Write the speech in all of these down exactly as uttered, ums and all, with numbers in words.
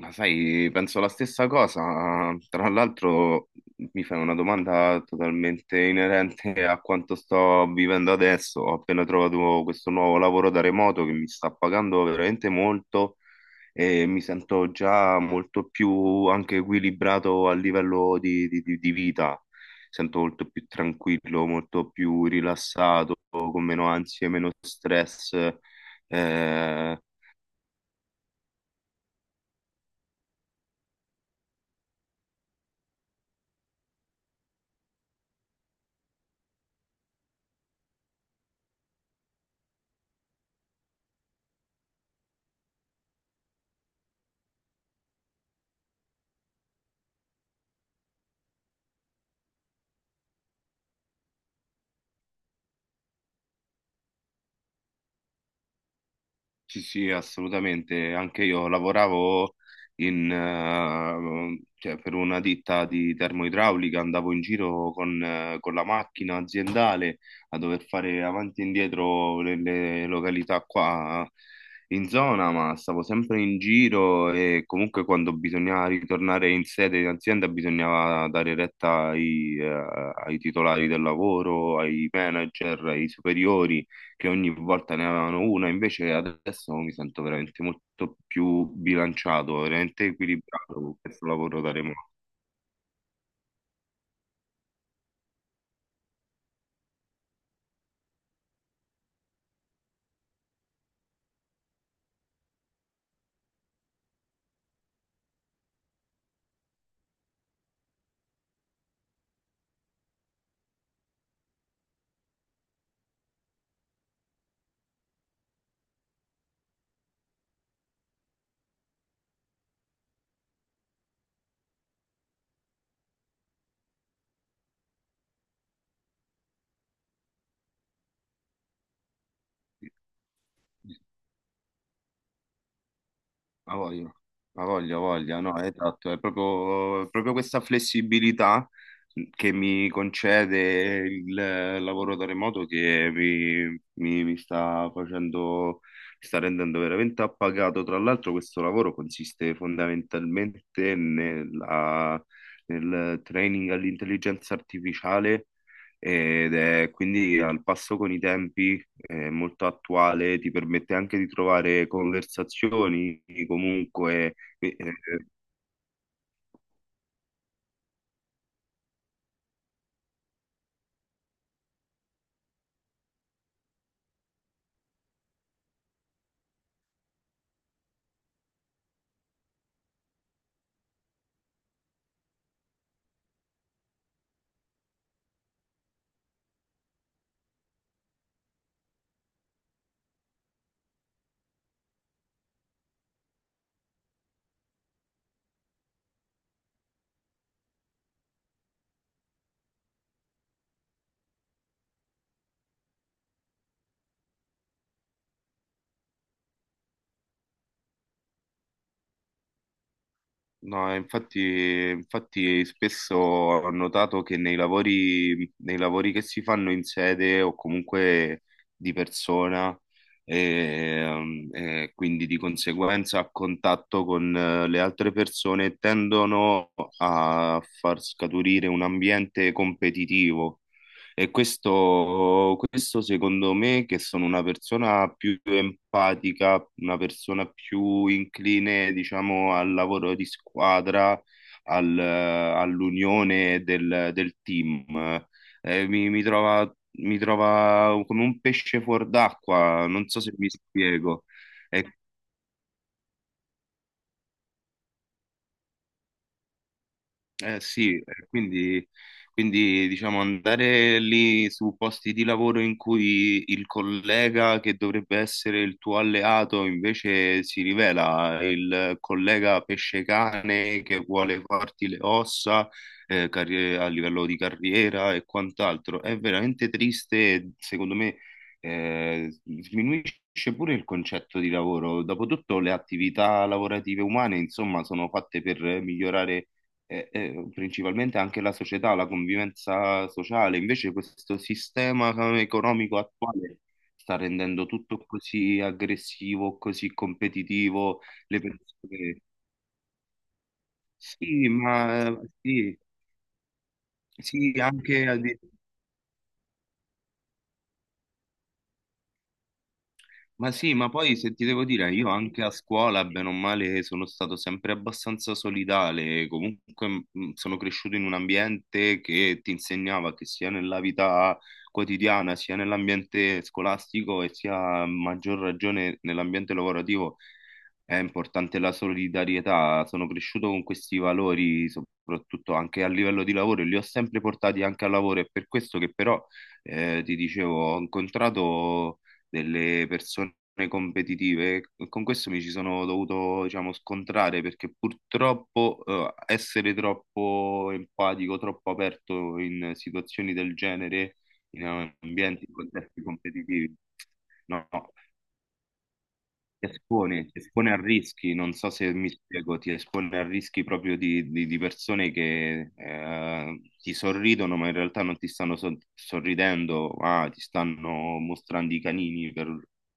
Ma sai, penso la stessa cosa. Tra l'altro, mi fai una domanda totalmente inerente a quanto sto vivendo adesso. Ho appena trovato questo nuovo lavoro da remoto che mi sta pagando veramente molto e mi sento già molto più anche equilibrato a livello di, di- di- di vita. Sento molto più tranquillo, molto più rilassato, con meno ansie, meno stress. Eh, Sì, sì, assolutamente. Anche io lavoravo in, eh, cioè, per una ditta di termoidraulica, andavo in giro con, eh, con la macchina aziendale a dover fare avanti e indietro nelle località qua in zona, ma stavo sempre in giro e comunque quando bisognava ritornare in sede in azienda bisognava dare retta ai, eh, ai titolari del lavoro, ai manager, ai superiori che ogni volta ne avevano una. Invece adesso mi sento veramente molto più bilanciato, veramente equilibrato con questo lavoro da remoto. Ha voglia, ha voglia, ha voglia, no, esatto, è proprio, proprio questa flessibilità che mi concede il lavoro da remoto che mi, mi- mi sta facendo, mi sta rendendo veramente appagato. Tra l'altro questo lavoro consiste fondamentalmente nella- nel training all'intelligenza artificiale ed è quindi al passo con i tempi, è molto attuale, ti permette anche di trovare conversazioni, comunque, eh, eh, no, infatti, infatti spesso ho notato che nei lavori, nei lavori che si fanno in sede o comunque di persona, e, ehm, e quindi di conseguenza a contatto con eh, le altre persone tendono a far scaturire un ambiente competitivo. E questo, questo secondo me, che sono una persona più empatica, una persona più incline, diciamo, al lavoro di squadra, al- all'unione del, del team, Eh, mi, mi trova, mi trova come un pesce fuor d'acqua, non so se mi spiego. È Eh sì, eh, quindi, quindi diciamo andare lì su posti di lavoro in cui il collega che dovrebbe essere il tuo alleato invece si rivela il collega pesce-cane che vuole farti le ossa, eh, carri- a livello di carriera e quant'altro. È veramente triste, e, secondo me, eh, sminuisce pure il concetto di lavoro. Dopotutto le attività lavorative umane, insomma, sono fatte per migliorare e- e principalmente anche la società, la convivenza sociale. Invece questo sistema economico attuale sta rendendo tutto così aggressivo, così competitivo. Le persone... Sì, ma eh, sì, sì, anche... Ma sì, ma poi se ti devo dire, io anche a scuola, bene o male, sono stato sempre abbastanza solidale, comunque mh, sono cresciuto in un ambiente che ti insegnava che sia nella vita quotidiana, sia nell'ambiente scolastico e sia a maggior ragione nell'ambiente lavorativo è importante la solidarietà. Sono cresciuto con questi valori, soprattutto anche a livello di lavoro, e li ho sempre portati anche al lavoro, è per questo che però, eh, ti dicevo, ho incontrato delle persone competitive. Con questo mi ci sono dovuto, diciamo, scontrare perché purtroppo eh, essere troppo empatico, troppo aperto in situazioni del genere, in ambienti, in contesti competitivi. No, no, ti espone, ti espone a rischi, non so se mi spiego, ti espone a rischi proprio di, di- di persone che eh, ti sorridono, ma in realtà non ti stanno so- sorridendo, ma ti stanno mostrando i canini per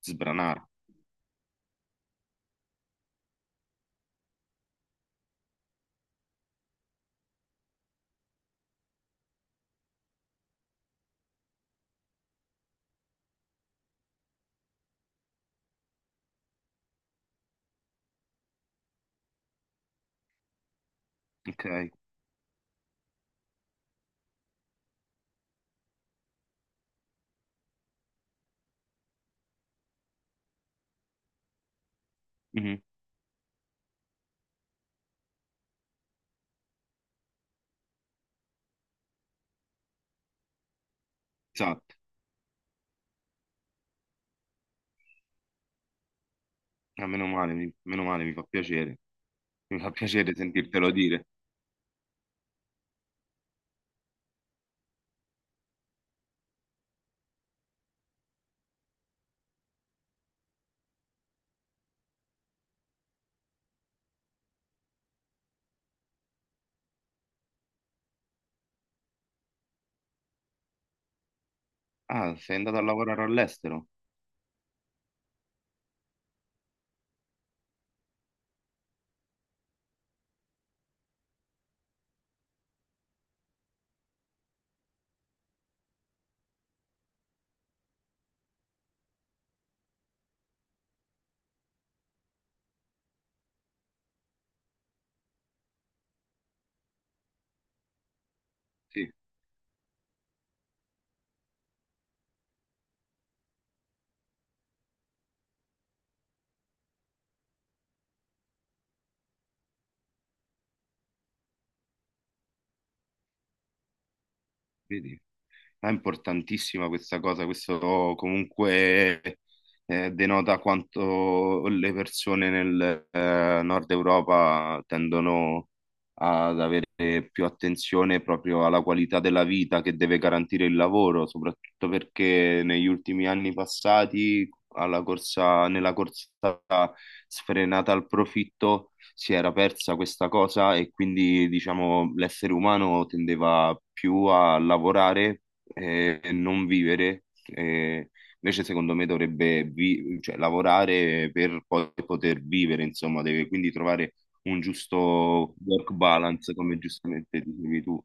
sbranare. Ok? Mhm. Esatto. Ah, meno male, mi, meno male, mi fa piacere. Mi fa piacere sentirtelo dire. Ah, sei andato a lavorare all'estero? Sì, vedi. È importantissima questa cosa, questo comunque eh, denota quanto le persone nel eh, nord Europa tendono ad avere più attenzione proprio alla qualità della vita che deve garantire il lavoro, soprattutto perché negli ultimi anni passati, alla corsa, nella corsa sfrenata al profitto, si era persa questa cosa e quindi diciamo l'essere umano tendeva più a lavorare, eh, non vivere. Eh, invece secondo me dovrebbe vi- cioè, lavorare per poi poter vivere, insomma, deve quindi trovare un giusto work balance, come giustamente dicevi tu.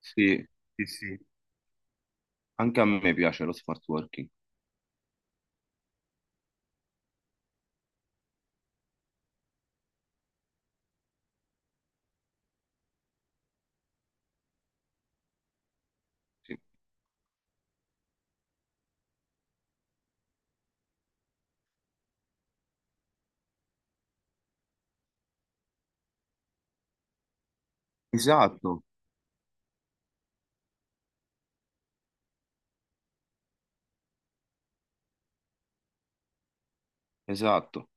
Sì, sì, sì. Anche a me piace lo smart working. Sì. Esatto, esatto.